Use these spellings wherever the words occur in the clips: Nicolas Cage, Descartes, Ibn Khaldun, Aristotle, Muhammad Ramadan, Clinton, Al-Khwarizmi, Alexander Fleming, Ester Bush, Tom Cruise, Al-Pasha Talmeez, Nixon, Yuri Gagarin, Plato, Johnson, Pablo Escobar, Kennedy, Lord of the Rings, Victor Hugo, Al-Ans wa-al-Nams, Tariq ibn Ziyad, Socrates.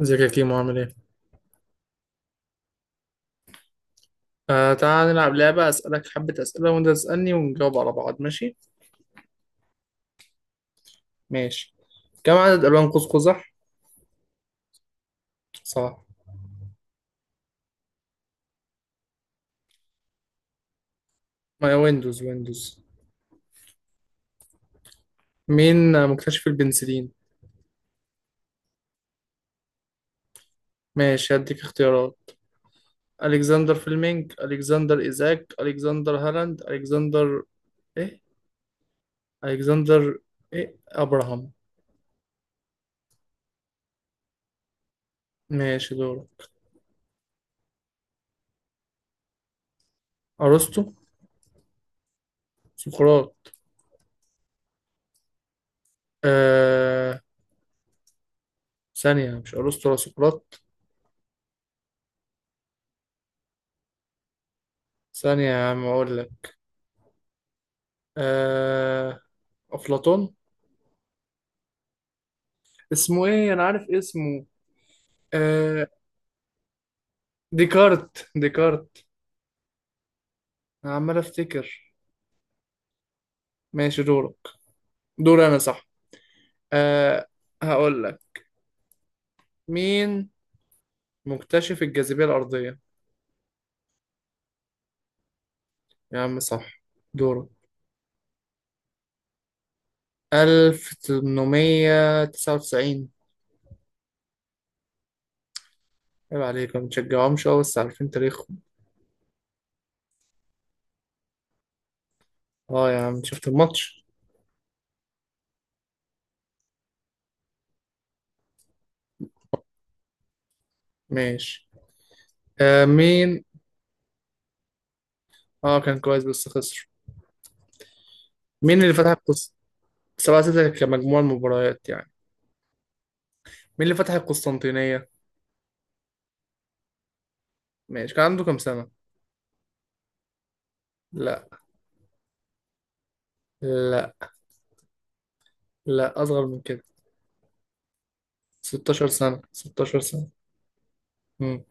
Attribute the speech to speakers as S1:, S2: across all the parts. S1: ازيك يا كيمو، عامل ايه؟ آه، تعال نلعب لعبة، اسألك حبة اسئلة وانت تسألني ونجاوب على بعض، ماشي؟ ماشي. كم عدد الوان قوس قزح؟ صح. ما ويندوز، ويندوز. مين مكتشف البنسلين؟ ماشي هديك اختيارات. الكسندر فليمنج، الكسندر ايزاك، الكسندر هالاند، الكسندر ايه؟ الكسندر ايه؟ ابراهام. ماشي دوره. ارسطو. سقراط. آه. ثانية، مش ارسطو ولا سقراط. ثانية يا عم اقول لك. آه... أفلاطون. اسمه إيه؟ أنا عارف اسمه. آه... ديكارت، ديكارت. أنا عمال أفتكر. ماشي دورك. دور أنا، صح. آه... هقول لك. مين مكتشف الجاذبية الأرضية؟ يا عم صح. دورك. 1899. عيب عليك، ما بتشجعهمش أوي بس عارفين تاريخهم. اه يا عم شفت الماتش. ماشي. مين. اه كان كويس بس خسر. مين اللي فتح القصة؟ 7-6 كمجموع المباريات يعني. مين اللي فتح القسطنطينية؟ ماشي كان عنده كام سنة؟ لا، لا، لا، أصغر من كده. 16 سنة، 16 سنة. امم.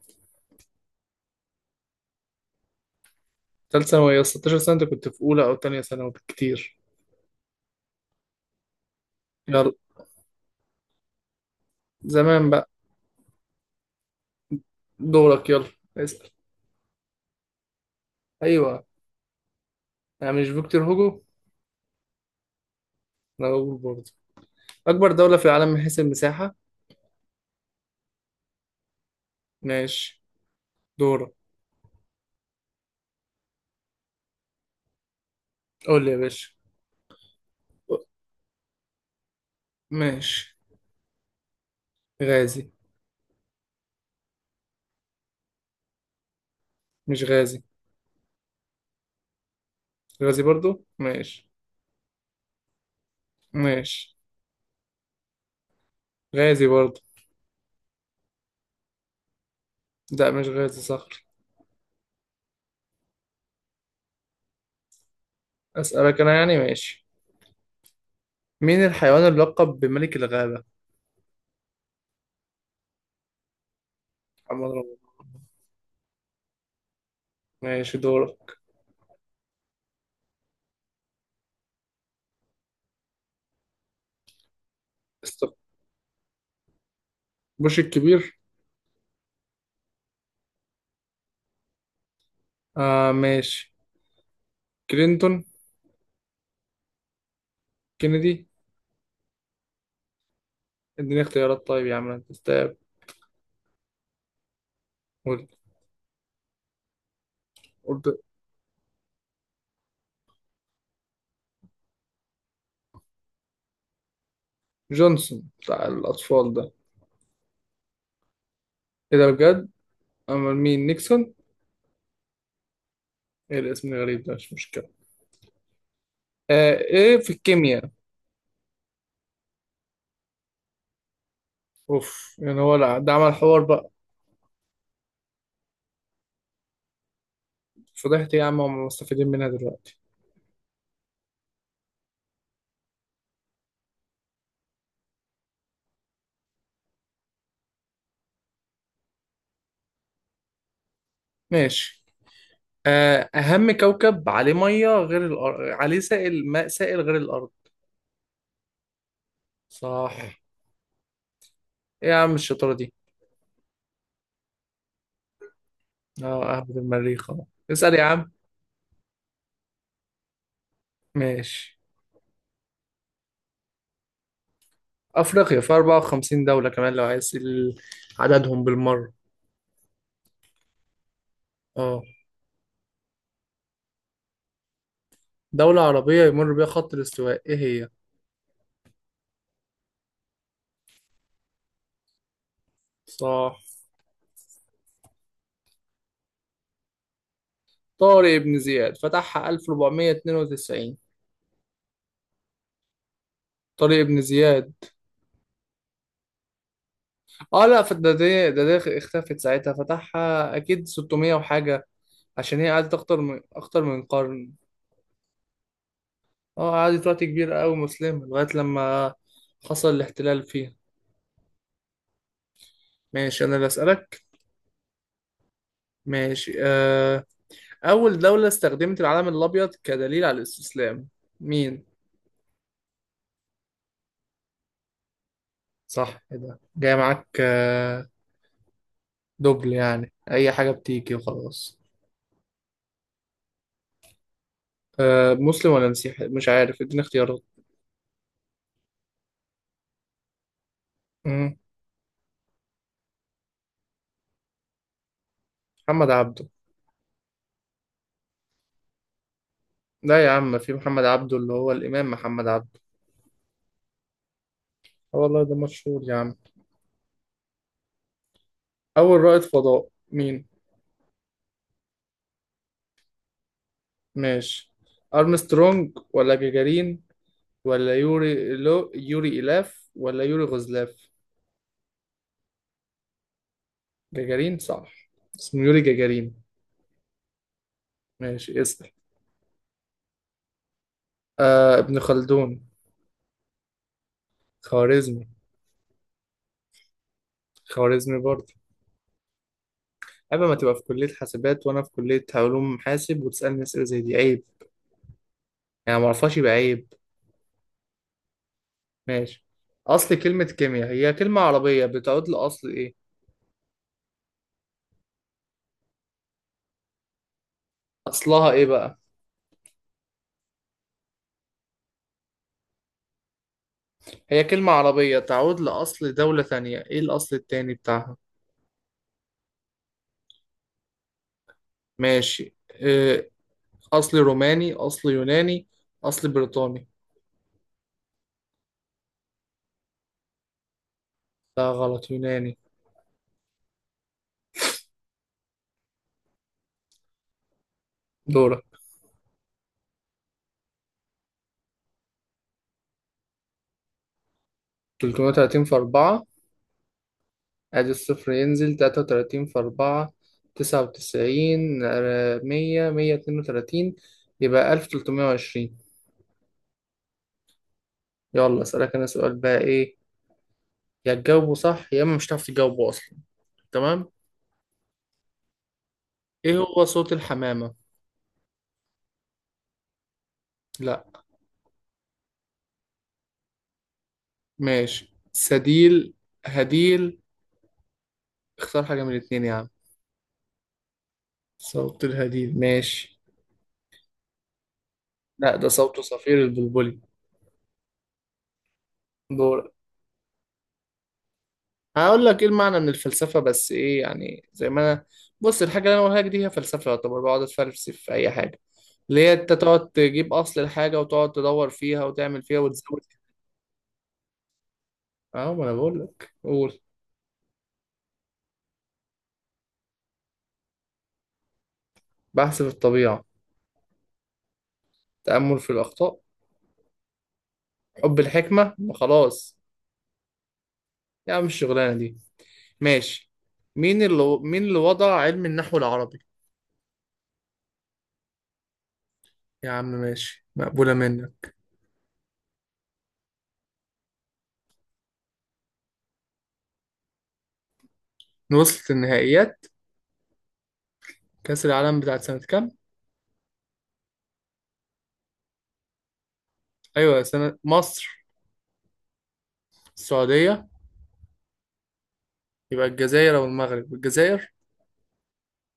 S1: تالت ثانوي، يا 16 سنة أنت كنت في أولى أو تانية ثانوي بالكتير. يلا. زمان بقى. دورك يلا. اسأل. أيوه. أنا مش فيكتور هوجو؟ أنا هوجو برضه. أكبر دولة في العالم من حيث المساحة؟ ماشي دورك. قول لي يا باشا. ماشي. غازي. مش غازي. غازي برضه؟ ماشي. ماشي. غازي برضه. لا مش غازي، صح. أسألك أنا يعني، ماشي. مين الحيوان اللقب بملك الغابة؟ محمد رمضان. ماشي دورك. استر. بوش الكبير. آه ماشي. كلينتون. كينيدي. اديني اختيارات طيب يا عم، انت استاب. قلت. قلت. جونسون بتاع الأطفال ده. ايه ده بجد؟ أمال مين نيكسون؟ ايه الاسم الغريب ده، مش مشكلة. آه ايه في الكيمياء؟ اوف يعني، هو لا، ده عمل حوار بقى. فضحت إيه يا عم، هم مستفيدين منها دلوقتي. ماشي. أهم كوكب عليه مية غير الأرض، عليه سائل ماء سائل غير الأرض. صح. إيه يا عم الشطارة دي. اه أهبد المريخ أهو. اسأل يا عم. ماشي. أفريقيا في 54 دولة، كمان لو عايز عددهم بالمرة. اه. دولة عربية يمر بيها خط الاستواء، إيه هي؟ صح. طارق بن زياد، فتحها 1492. طارق بن زياد. اه لا، فده ده ده ده اختفت ساعتها، فتحها أكيد 600 وحاجة. عشان هي قعدت أكتر من قرن. اه قعدت وقت كبير قوي، مسلمة لغاية لما حصل الاحتلال فيها. ماشي أنا اللي أسألك. ماشي. أول دولة استخدمت العلم الأبيض كدليل على الاستسلام، مين؟ صح كده، جاي معاك. دبل يعني، أي حاجة بتيجي وخلاص. مسلم ولا مسيحي، مش عارف، اديني اختيارات. مم. محمد عبده. لا يا عم، في محمد عبده اللي هو الإمام محمد عبده. اه والله ده مشهور يا عم. أول رائد فضاء مين؟ ماشي. أرمسترونج ولا جاجارين، ولا يوري، لو يوري إلاف ولا يوري غزلاف. جاجارين صح. اسمه يوري جاجارين. ماشي اسأل. آه، ابن خلدون. خوارزمي. خوارزمي برضه. عيب، ما تبقى في كلية حاسبات وأنا في كلية علوم حاسب وتسألني أسئلة زي دي، عيب. يعني ما أعرفهاش يبقى عيب. ماشي. أصل كلمة كيمياء هي كلمة عربية بتعود لأصل إيه؟ أصلها إيه بقى؟ هي كلمة عربية تعود لأصل دولة ثانية، إيه الأصل التاني بتاعها؟ ماشي. أصلي روماني، أصلي يوناني، أصلي بريطاني. لا غلط، يوناني. دورك. 330 في أربعة. أدي الصفر ينزل، 33 في أربعة. 99، 100، 132. يبقى 1320. يلا أسألك أنا سؤال بقى، إيه يا تجاوبه صح يا إما مش هتعرف تجاوبه أصلا. تمام. إيه هو صوت الحمامة؟ لا. ماشي سديل، هديل. اختار حاجة من الاتنين يا عم. صوت الهديل، ماشي. لا ده صوت صفير البلبلي. دور. هقول لك ايه المعنى من الفلسفه، بس ايه يعني، زي ما انا بص، الحاجه اللي انا بقولها لك دي هي فلسفه، يعتبر بقعد اتفلسف في اي حاجه اللي هي انت تقعد تجيب اصل الحاجه وتقعد تدور فيها وتعمل فيها وتزود فيها. اه ما انا بقول لك، قول. بحث في الطبيعه. تامل في الاخطاء. حب الحكمه، ما خلاص. يا عم الشغلانه دي. ماشي. مين اللي وضع علم النحو العربي. يا عم ماشي، مقبوله منك. وصلت النهائيات. كاس العالم بتاعت سنه كام؟ ايوه سنه. مصر. السعوديه. يبقى الجزائر او المغرب، الجزائر.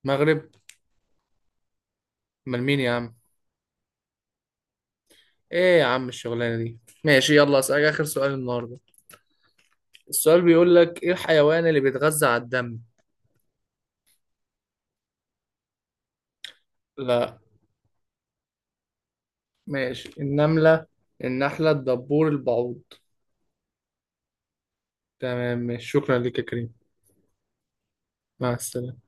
S1: مغرب. امال مين يا عم. ايه يا عم الشغلانه دي. ماشي يلا اسالك اخر سؤال النهارده. السؤال بيقول لك ايه، الحيوان اللي بيتغذى على الدم. لا. ماشي، النمله، النحله، الدبور، البعوض. تمام ماشي، شكرا لك يا كريم. مع السلامه.